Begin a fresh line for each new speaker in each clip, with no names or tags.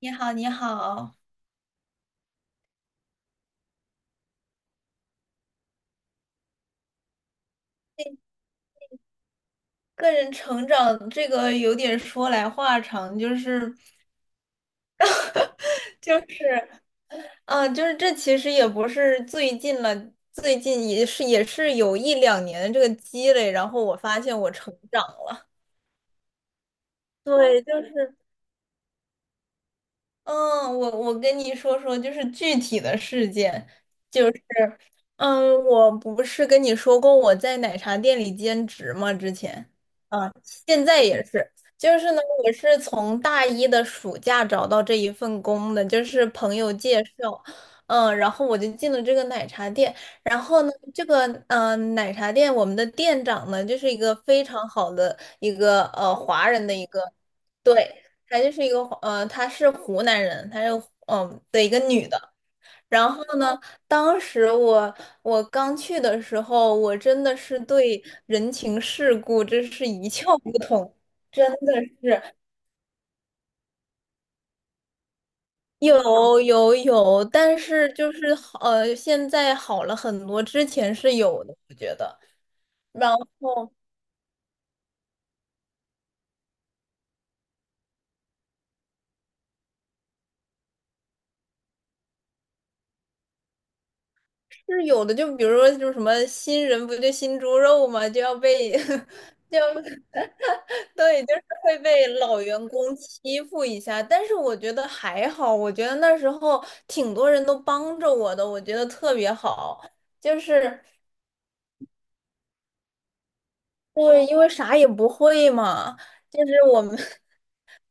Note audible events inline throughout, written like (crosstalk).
你好，你好。个人成长这个有点说来话长，就是，就是这其实也不是最近了，最近也是有一两年的这个积累，然后我发现我成长了。对，就是。嗯，我跟你说说，就是具体的事件，就是，我不是跟你说过我在奶茶店里兼职吗？之前，啊，现在也是，就是呢，我是从大一的暑假找到这一份工的，就是朋友介绍，然后我就进了这个奶茶店，然后呢，奶茶店我们的店长呢，就是一个非常好的一个华人的一个。对，她就是一个她是湖南人，她是的一个女的。然后呢，当时我刚去的时候，我真的是对人情世故真是一窍不通，真的是。有有有，但是就是好，现在好了很多，之前是有的，我觉得。然后是有的，就比如说，就是什么新人不就新猪肉嘛，就要被 (laughs) 就要 (laughs) 对，就是会被老员工欺负一下，但是我觉得还好，我觉得那时候挺多人都帮着我的，我觉得特别好，就是对，因为啥也不会嘛，就是我们 (laughs)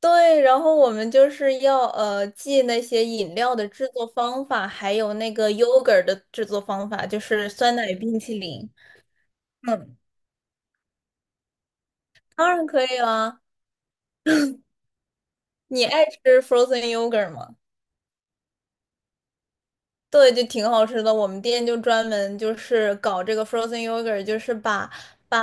对，然后我们就是要记那些饮料的制作方法，还有那个 yogurt 的制作方法，就是酸奶冰淇淋。嗯，当然可以啦，你爱吃 frozen yogurt 吗？对，就挺好吃的。我们店就专门就是搞这个 frozen yogurt，就是把把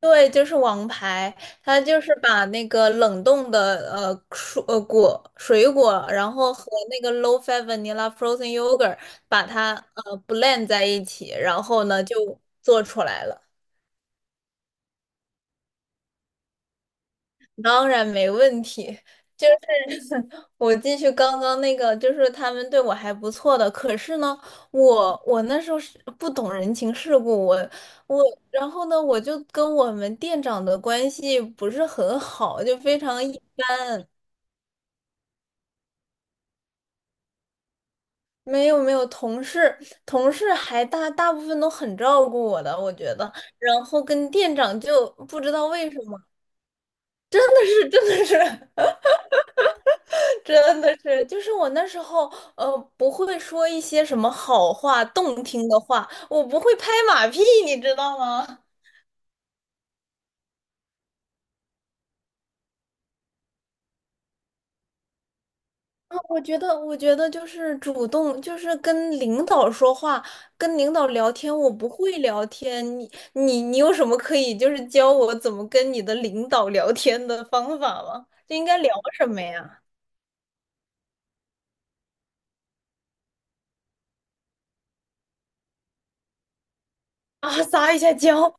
对，就是王牌，它就是把那个冷冻的蔬果水果，然后和那个 low fat vanilla frozen yogurt 把它blend 在一起，然后呢就做出来了。当然没问题，就是 (laughs) 我继续刚刚那个，就是他们对我还不错的，可是呢，我那时候是不懂人情世故，我，然后呢，我就跟我们店长的关系不是很好，就非常一般。没有没有，同事还大部分都很照顾我的，我觉得，然后跟店长就不知道为什么，真的是。真的是，就是我那时候，不会说一些什么好话、动听的话，我不会拍马屁，你知道吗？啊，我觉得，我觉得就是主动，就是跟领导说话，跟领导聊天，我不会聊天。你有什么可以就是教我怎么跟你的领导聊天的方法吗？就应该聊什么呀？啊，撒一下娇，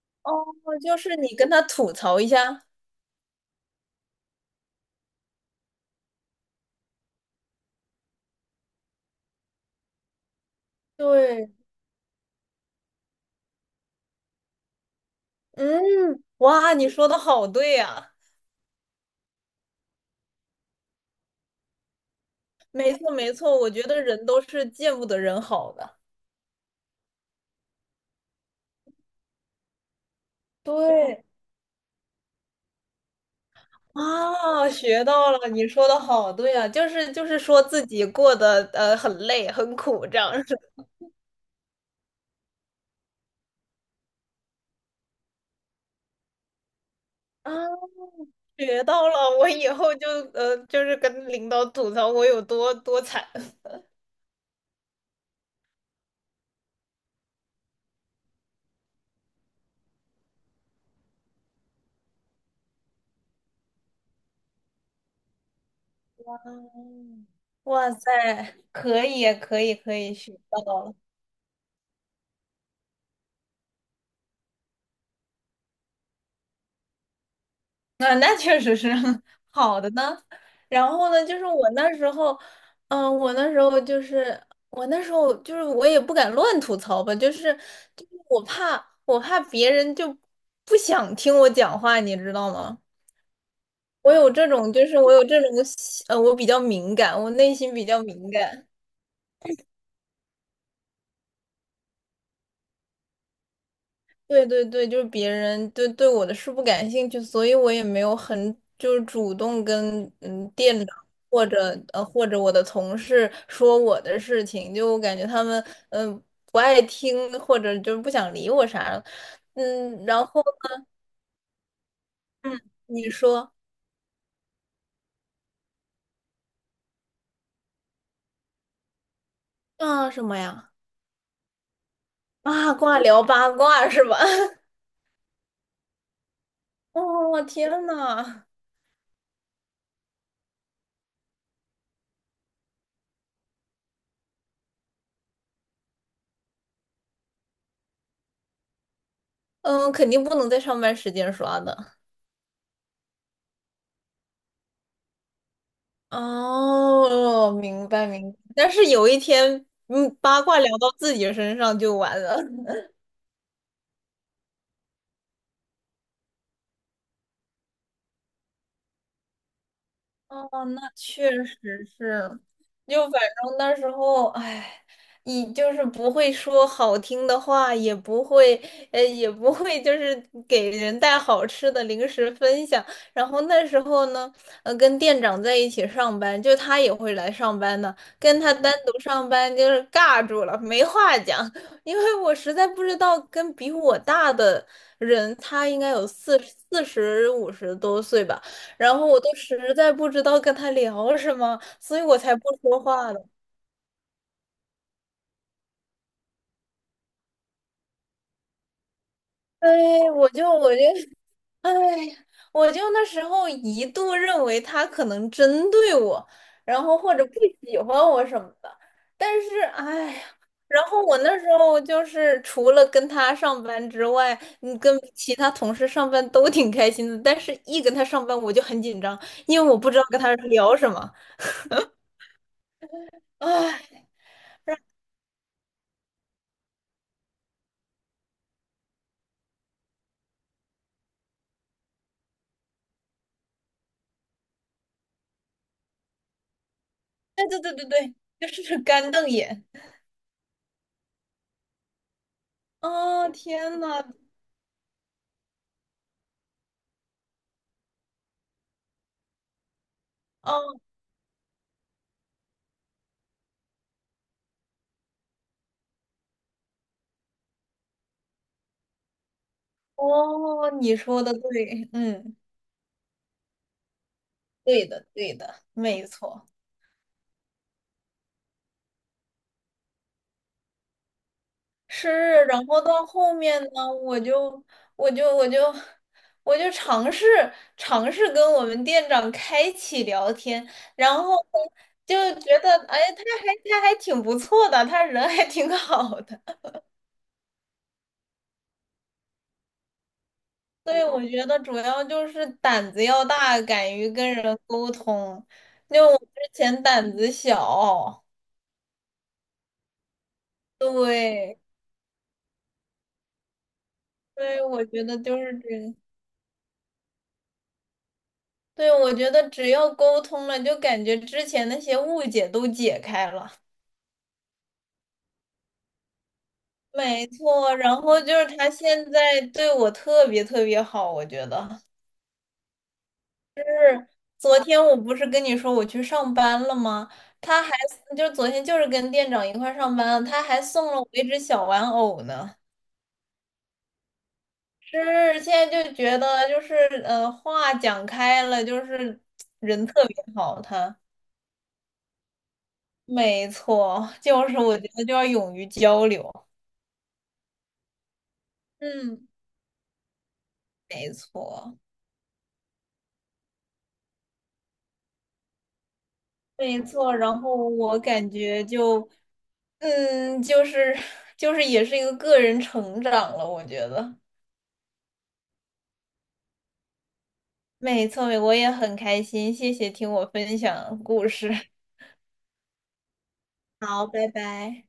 (laughs) 哦，就是你跟他吐槽一下。对，嗯，哇，你说的好对呀。没错没错，我觉得人都是见不得人好的。对，啊，学到了，你说的好对啊，就是说自己过得很累很苦这样子，啊，学到了，我以后就是跟领导吐槽我有多多惨，嗯哇塞，可以可以可以学到了。那确实是 (laughs) 好的呢。然后呢，就是我那时候，嗯、我那时候就是我也不敢乱吐槽吧，就是我怕别人就不想听我讲话，你知道吗？我有这种，我比较敏感，我内心比较敏感。对对对，就是别人对我的事不感兴趣，所以我也没有很就是主动跟店长或者我的同事说我的事情，就我感觉他们嗯、呃不爱听或者就是不想理我啥的，然后嗯你说啊什么呀？八卦聊八卦是吧？(laughs) 哦天呐，嗯，肯定不能在上班时间刷的。哦，明白明白。但是有一天，八卦聊到自己身上就完了。哦，那确实是，就反正那时候，哎，你就是不会说好听的话，也不会，也不会就是给人带好吃的零食分享。然后那时候呢，跟店长在一起上班，就他也会来上班呢，跟他单独上班就是尬住了，没话讲，因为我实在不知道跟比我大的人，他应该有四十五十多岁吧。然后我都实在不知道跟他聊什么，所以我才不说话的。哎，我就我就，哎我就那时候一度认为他可能针对我，然后或者不喜欢我什么的。但是，哎呀，然后我那时候就是除了跟他上班之外，跟其他同事上班都挺开心的。但是，一跟他上班我就很紧张，因为我不知道跟他聊什么。哎，对对对对对，就是干瞪眼。哦，天呐，哦哦，你说的对，嗯，对的，对的，没错，是。然后到后面呢，我就我就我就尝试尝试跟我们店长开启聊天，然后呢就觉得，哎，他还挺不错的，他人还挺好的。所以我觉得主要就是胆子要大，敢于跟人沟通。就我之前胆子小，对。对，我觉得就是这个。对，我觉得只要沟通了，就感觉之前那些误解都解开了。没错，然后就是他现在对我特别特别好，我觉得。昨天我不是跟你说我去上班了吗？他还就是昨天就是跟店长一块儿上班，他还送了我一只小玩偶呢。是，现在就觉得就是，话讲开了，就是人特别好，他。没错，就是我觉得就要勇于交流。嗯，没错，没错。然后我感觉就，就是 (laughs) 就是也是一个个人成长了，我觉得。没错，我也很开心，谢谢听我分享故事。好，拜拜。